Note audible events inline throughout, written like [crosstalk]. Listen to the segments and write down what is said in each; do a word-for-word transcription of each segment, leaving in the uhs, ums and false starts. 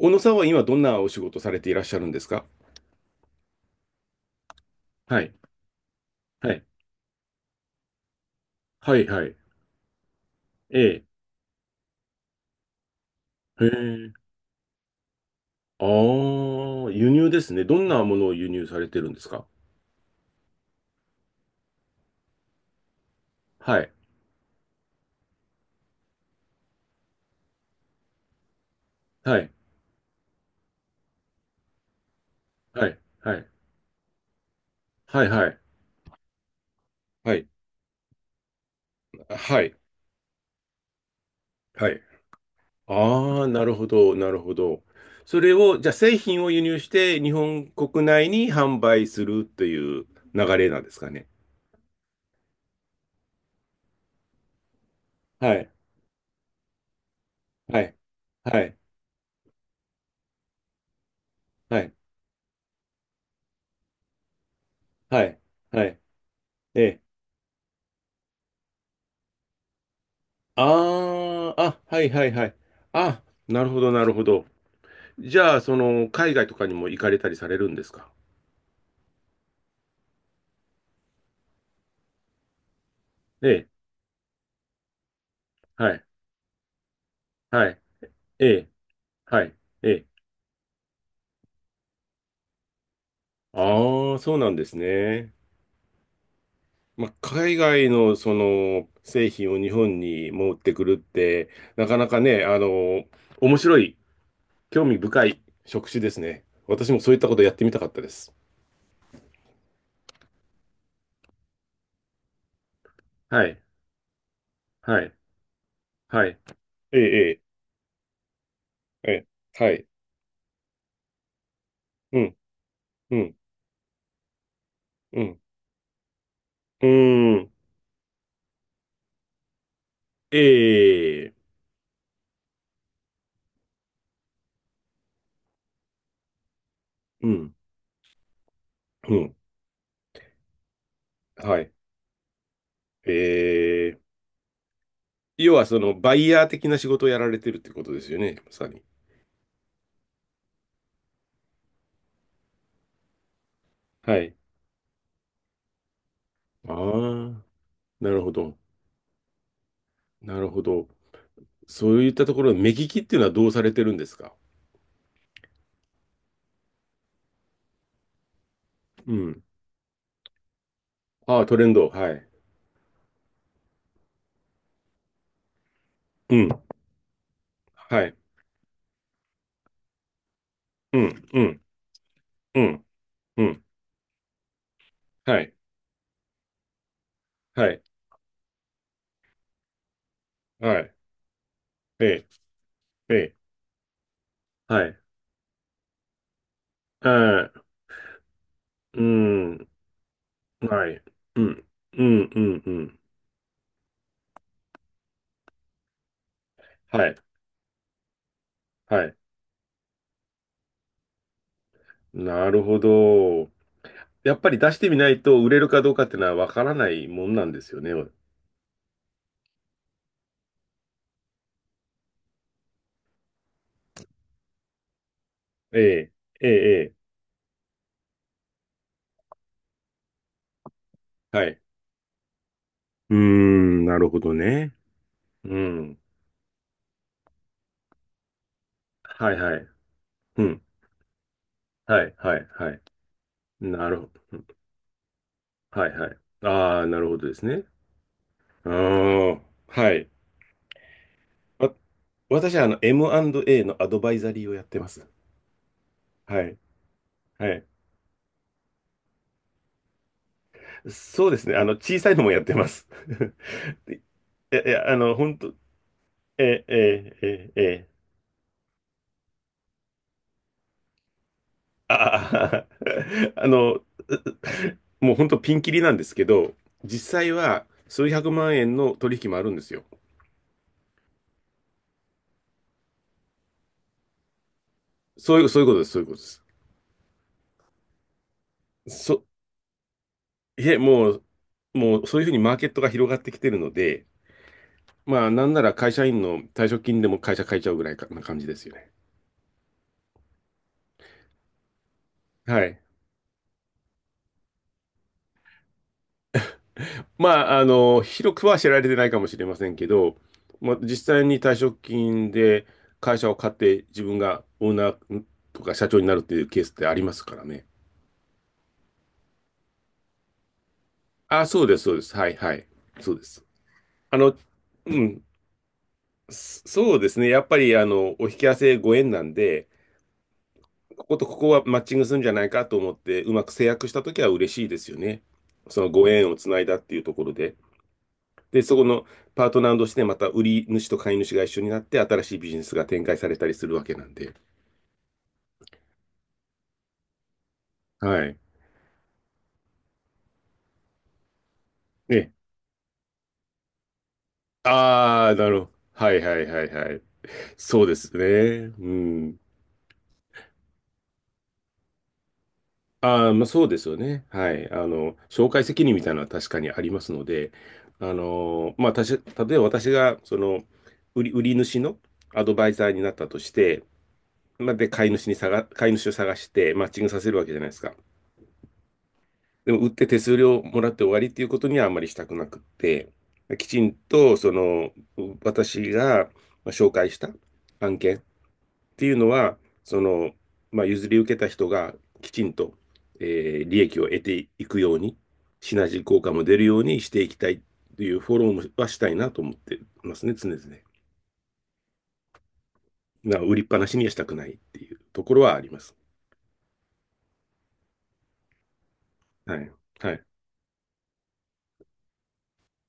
小野さんは今どんなお仕事されていらっしゃるんですか？はい、はい、はい、はい。ええ、へえ。ああ、輸入ですね。どんなものを輸入されてるんですか？はい、はい、はい、はい、はい、はい、はい。はい。はい。ああ、なるほど、なるほど。それを、じゃあ製品を輸入して日本国内に販売するという流れなんですかね。はい、はい、はい、はい、はい、はい、ええ。ああ、あ、はいはいはい。あ、なるほどなるほど。じゃあ、その、海外とかにも行かれたりされるんですか？ええ、はい、はい、ええ、はい、ええ。ああ、そうなんですね。まあ、海外のその製品を日本に持ってくるって、なかなかね、あの、面白い、興味深い職種ですね。私もそういったことやってみたかったです。はい、はい、はい。ええ、ええ、ええ、はい。うん、うん、うん。うーん。ええ、うん、うん、はい。ええ。要はそのバイヤー的な仕事をやられてるってことですよね、まさに。はい。ああ、なるほど。なるほど。そういったところ目利きっていうのはどうされてるんですか？うん。ああ、トレンド。はい。うん。はい。うん。うん。うん。うん。はい。はい。はい。ええ。ええ。はい。ああ、うん。はい。うん。うん。うん。うん。はい。はい。なるほど。やっぱり出してみないと売れるかどうかっていうのはわからないもんなんですよね。ええ、ええ、ええ、はい。うーん、なるほどね。うん。はいはい。うん。はい、はい、はい。なるほど。うん。はいはい。ああ、なるほどですね。ああ、はい。わ私はあの エムアンドエー のアドバイザリーをやってます。はい。はい。そうですね。あの、小さいのもやってます。[laughs] いや、いや、あの、本当、ええ、ええ、ええ、え。あー [laughs] あの、もう本当ピンキリなんですけど、実際は数百万円の取引もあるんですよ。そういう、そういうことです、そういうことです。そ、いえ、もう、もうそういうふうにマーケットが広がってきてるので、まあ、なんなら会社員の退職金でも会社変えちゃうぐらいかな感じですよね。はい。まあ、あの、広くは知られてないかもしれませんけど、まあ、実際に退職金で会社を買って自分がオーナーとか社長になるっていうケースってありますからね。あ、そうです、そうです。はいはい。そうです。あの、うん、そそうですね。やっぱり、あの、お引き合わせご縁なんで、こことここはマッチングするんじゃないかと思って、うまく制約したときは嬉しいですよね。そのご縁をつないだっていうところで。で、そこのパートナーとしてまた売り主と買い主が一緒になって、新しいビジネスが展開されたりするわけなんで。はい。ね。ああ、なるほど。はいはいはいはい。そうですね。うん。ああ、まあ、そうですよね。はい。あの、紹介責任みたいなのは確かにありますので、あの、まあ、たし、例えば私が、その、売り、売り主のアドバイザーになったとして、まあ、で、買い主に探、買い主を探して、マッチングさせるわけじゃないですか。でも、売って手数料もらって終わりっていうことにはあんまりしたくなくって、きちんと、その、私がまあ紹介した案件っていうのは、その、まあ、譲り受けた人がきちんと、えー利益を得ていくように、シナジー効果も出るようにしていきたいというフォローもはしたいなと思ってますね、常々。な売りっぱなしにはしたくないっていうところはあります。はい。はい。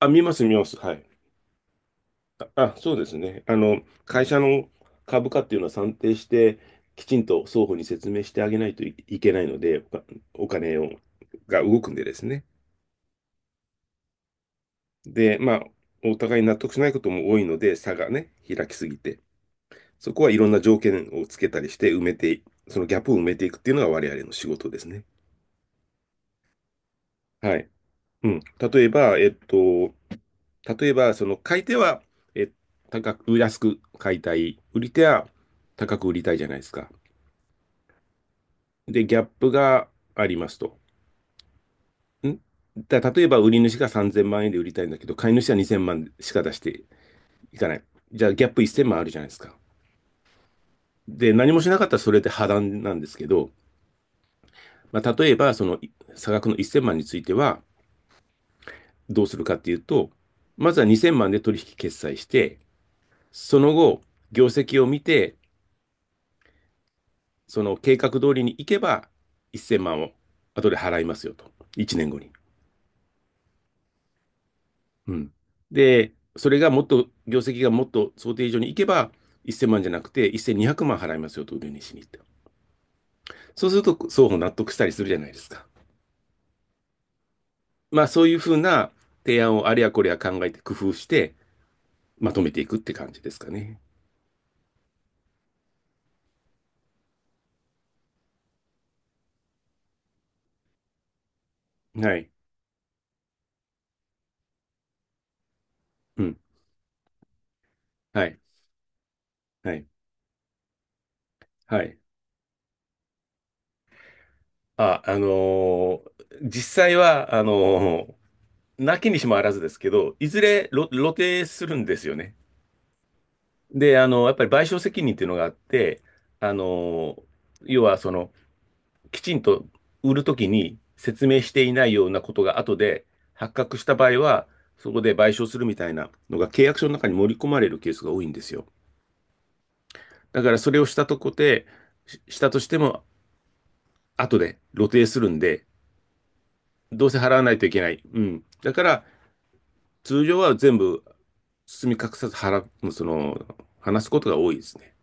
あ、見ます、見ます。はい。あ、あそうですね。あの、会社の株価っていうのは算定して、きちんと双方に説明してあげないといいけないので、おお金をが動くんでですね。で、まあ、お互い納得しないことも多いので、差がね、開きすぎて、そこはいろんな条件をつけたりして埋めて、そのギャップを埋めていくっていうのが我々の仕事ですね。はい。うん。例えば、えっと、例えば、その買い手は、え、高く、安く買いたい。売り手は高く売りたいじゃないですか。で、ギャップがありますと。んだ、例えば、売り主がさんぜんまん円で売りたいんだけど、買い主はにせんまんしか出していかない。じゃあ、ギャップいっせんまんあるじゃないですか。で、何もしなかったらそれって破談なんですけど、まあ、例えば、その差額のいっせんまんについては、どうするかっていうと、まずはにせんまんで取引決済して、その後、業績を見て、その計画通りに行けば、いっせんまんを後で払いますよと。いちねんごに。うん。で、それがもっと、業績がもっと想定以上に行けば、いっせんまんじゃなくて、せんにひゃくまん払いますよと、売りにしに行って。そうすると、双方納得したりするじゃないですか。まあそういうふうな提案をあれやこれや考えて工夫してまとめていくって感じですかね。はい。うん。はい。はい。はい。あ、あのー実際は、あのーなきにしもあらずですけど、いずれろ露呈するんですよね。で、あのやっぱり賠償責任っていうのがあって、あのー要はその、きちんと売るときに説明していないようなことが後で発覚した場合は、そこで賠償するみたいなのが契約書の中に盛り込まれるケースが多いんですよ。だからそれをしたとこで、したとしても後で露呈するんで、どうせ払わないといけない。うん。だから通常は全部包み隠さず払う、その、話すことが多いですね。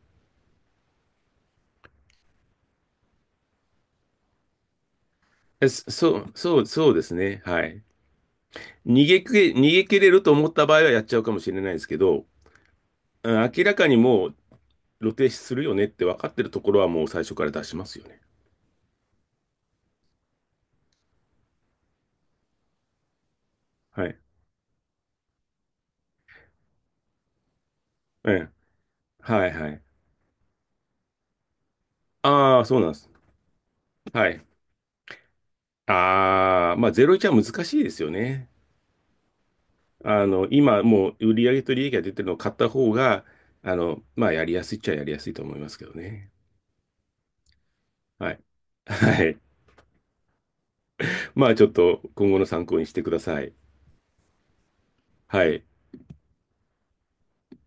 えそう、そう、そうですね。はい。逃げきれ、逃げ切れると思った場合はやっちゃうかもしれないですけど、明らかにもう露呈するよねって分かってるところはもう最初から出しますよね。はい。ええ。はいはい。ああ、そうなんです。はい。ああ、まあゼロイチは難しいですよね。あの、今もう売上と利益が出てるのを買った方が、あの、まあやりやすいっちゃやりやすいと思いますけどね。はい。はい。まあちょっと今後の参考にしてください。はい。